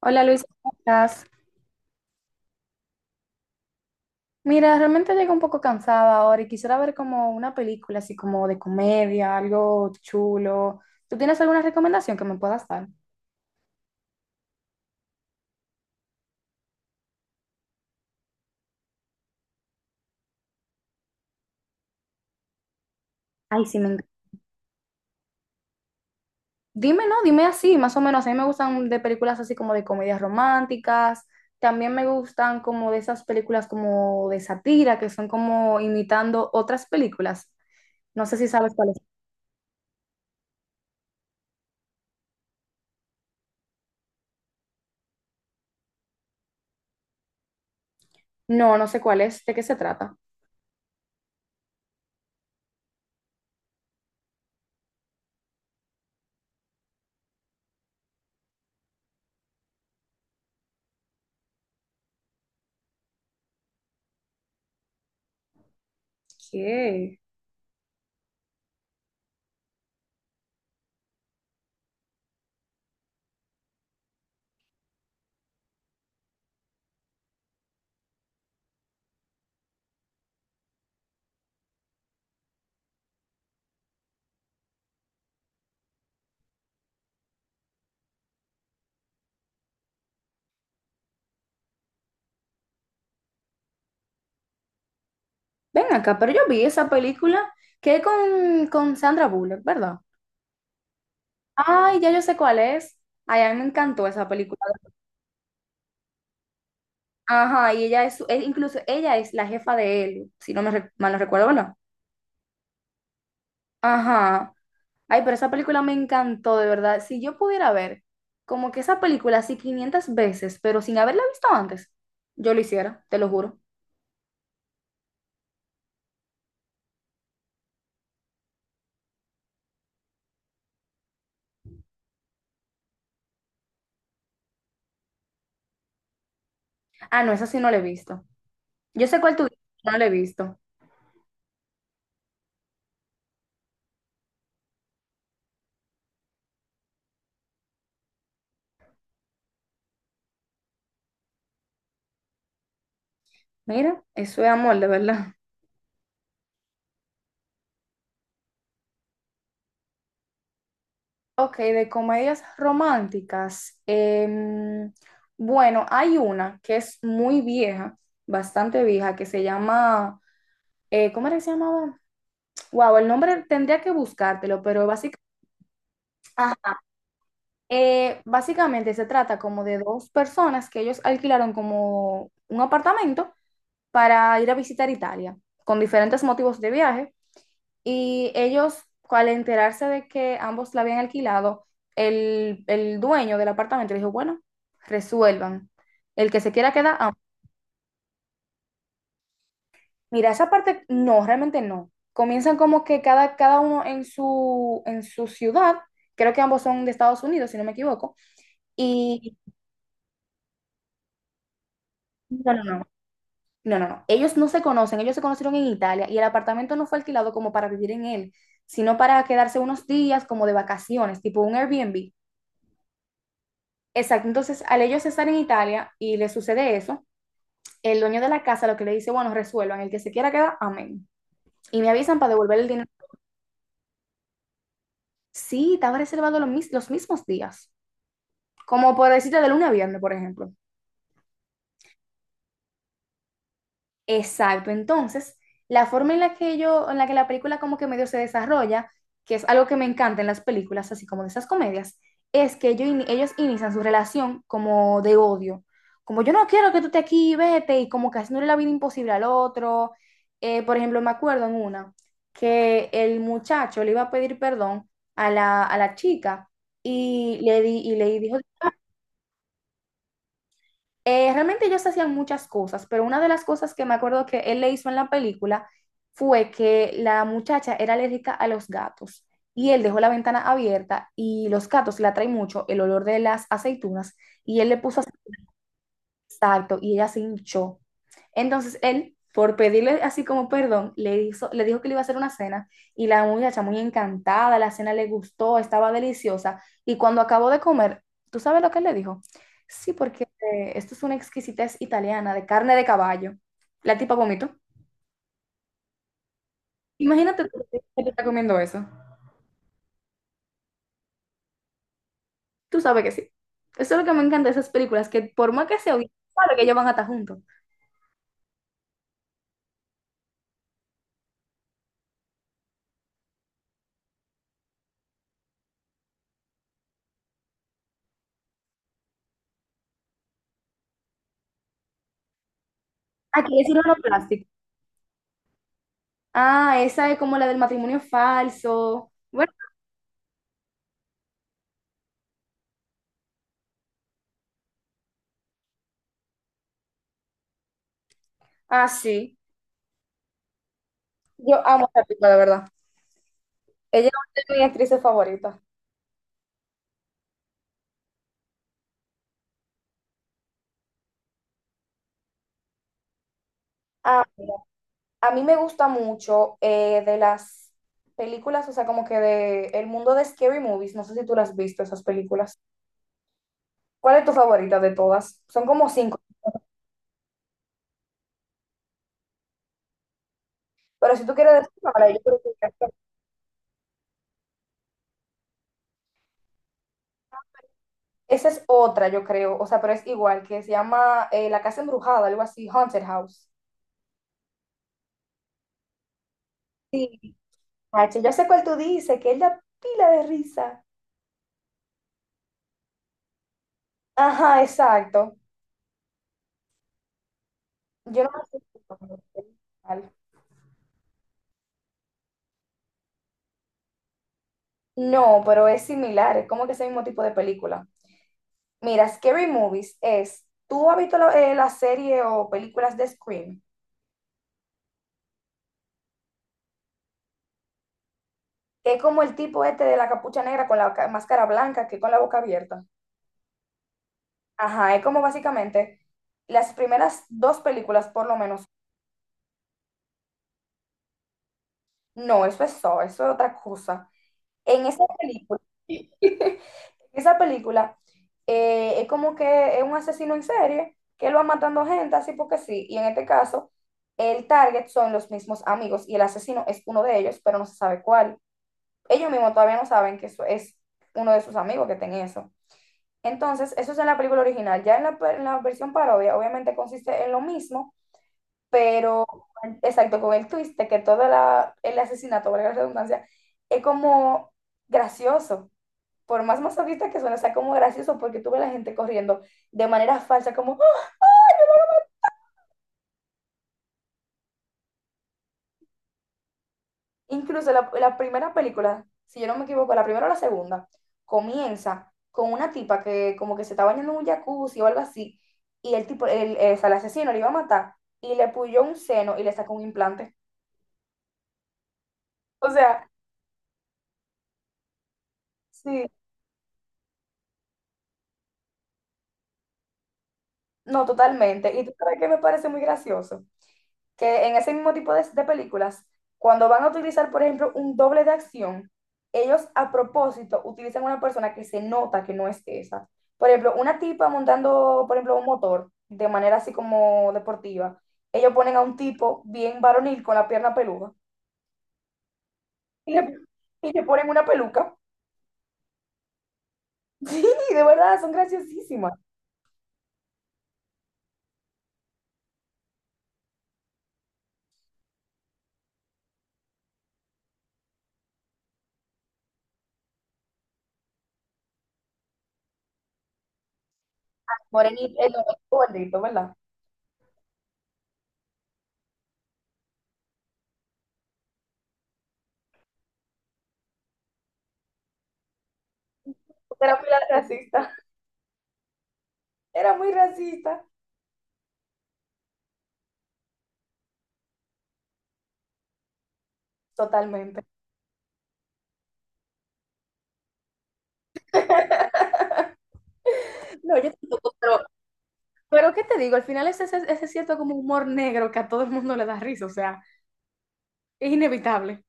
Hola Luis, ¿cómo estás? Mira, realmente llego un poco cansada ahora y quisiera ver como una película así como de comedia, algo chulo. ¿Tú tienes alguna recomendación que me puedas dar? Ay, sí, me encanta. Dime, no, dime así, más o menos. A mí me gustan de películas así como de comedias románticas. También me gustan como de esas películas como de sátira que son como imitando otras películas. No sé si sabes cuáles. No, no sé cuál es. ¿De qué se trata? ¿Qué? Ven acá, pero yo vi esa película que es con Sandra Bullock, ¿verdad? Ay, ya yo sé cuál es. Ay, a mí me encantó esa película. Ajá, y ella es, incluso ella es la jefa de él, si mal no recuerdo, ¿verdad? Ajá. Ay, pero esa película me encantó, de verdad. Si yo pudiera ver como que esa película así 500 veces, pero sin haberla visto antes, yo lo hiciera, te lo juro. Ah, no, esa sí no la he visto. Yo sé cuál tú dices, no la he visto. Mira, eso es amor, de verdad. Ok, de comedias románticas. em, bueno, hay una que es muy vieja, bastante vieja, que se llama, ¿cómo era que se llamaba? Wow, el nombre tendría que buscártelo, pero básicamente se trata como de dos personas que ellos alquilaron como un apartamento para ir a visitar Italia, con diferentes motivos de viaje. Y ellos, al enterarse de que ambos la habían alquilado, el dueño del apartamento le dijo, bueno, resuelvan. El que se quiera quedar, ah, mira, esa parte no, realmente no. Comienzan como que cada uno en su ciudad, creo que ambos son de Estados Unidos, si no me equivoco, y no, no, no. No, no, no. Ellos no se conocen, ellos se conocieron en Italia y el apartamento no fue alquilado como para vivir en él, sino para quedarse unos días como de vacaciones, tipo un Airbnb. Exacto, entonces al ellos estar en Italia y le sucede eso, el dueño de la casa lo que le dice, bueno, resuelvan, el que se quiera quedar, amén. Y me avisan para devolver el dinero. Sí, estaba reservado los mismos días, como por decirte de lunes a viernes, por ejemplo. Exacto. Entonces, la forma en la que yo, en la que la película como que medio se desarrolla, que es algo que me encanta en las películas, así como de esas comedias, es que ellos inician su relación como de odio. Como yo no quiero que tú estés aquí, vete, y como que haciéndole la vida imposible al otro. Por ejemplo, me acuerdo en una que el muchacho le iba a pedir perdón a la chica y y le dijo realmente ellos hacían muchas cosas, pero una de las cosas que me acuerdo que él le hizo en la película fue que la muchacha era alérgica a los gatos y él dejó la ventana abierta y los gatos la atraen mucho el olor de las aceitunas y él le puso exacto, y ella se hinchó. Entonces él, por pedirle así como perdón, le dijo que le iba a hacer una cena y la muchacha muy encantada, la cena le gustó, estaba deliciosa y cuando acabó de comer, ¿tú sabes lo que él le dijo? Sí, porque esto es una exquisitez italiana de carne de caballo. La tipa vomitó. Imagínate tú que te está comiendo eso. Tú sabes que sí. Eso es lo que me encanta de esas películas, que por más que se oyen, sabe que ellos van a estar juntos. Aquí es plástico. Ah, esa es como la del matrimonio falso. Bueno, ah, sí. Yo amo esa película, de verdad. Ella es una de mis actrices favoritas. Ah, mira, a mí me gusta mucho de las películas, o sea, como que de el mundo de Scary Movies. No sé si tú las has visto, esas películas. ¿Cuál es tu favorita de todas? Son como 5. Pero si tú quieres decir ahora, yo creo que esa es otra, yo creo. O sea, pero es igual, que se llama La Casa Embrujada, algo así, Haunted House. Sí, Nacho, yo sé cuál tú dices, que es la pila de risa. Ajá, exacto. Yo no me acuerdo. No, pero es similar, es como que ese mismo tipo de película. Mira, Scary Movies es, ¿tú has visto la serie o películas de Scream? Que es como el tipo este de la capucha negra con la máscara blanca, que con la boca abierta. Ajá, es como básicamente las primeras dos películas, por lo menos. No, eso es otra cosa. En esa película, en esa película es como que es un asesino en serie que él va matando gente así porque sí. Y en este caso, el target son los mismos amigos y el asesino es uno de ellos, pero no se sabe cuál. Ellos mismos todavía no saben que eso es uno de sus amigos que tiene eso. Entonces, eso es en la película original. Ya en la versión parodia, obviamente consiste en lo mismo, pero exacto, con el twist de que el asesinato, valga la redundancia, es como gracioso por más masoquista que suene, sea como gracioso porque tuve la gente corriendo de manera falsa, como ¡ah! Incluso la primera película, si yo no me equivoco, la primera o la segunda, comienza con una tipa que como que se está bañando en un jacuzzi o algo así, y el tipo, el asesino le iba a matar y le puyó un seno y le sacó un implante. O sea, sí, no, totalmente. Y tú sabes que me parece muy gracioso que en ese mismo tipo de películas, cuando van a utilizar, por ejemplo, un doble de acción, ellos a propósito utilizan una persona que se nota que no es esa. Por ejemplo, una tipa montando, por ejemplo, un motor de manera así como deportiva, ellos ponen a un tipo bien varonil con la pierna peluda y y le ponen una peluca. Sí, de verdad, son graciosísimas. Morenito, el gordito, ¿verdad? Era muy racista. Era muy racista. Totalmente. No, yo tampoco, pero ¿qué te digo? Al final es ese cierto como humor negro que a todo el mundo le da risa, o sea, es inevitable.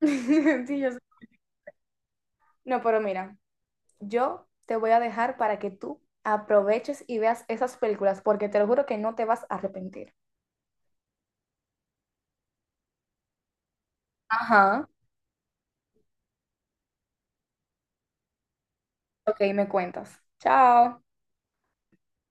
Sí, yo sé. No, pero mira, yo te voy a dejar para que tú aproveches y veas esas películas, porque te lo juro que no te vas a arrepentir. Ajá. Ok, me cuentas. Chao.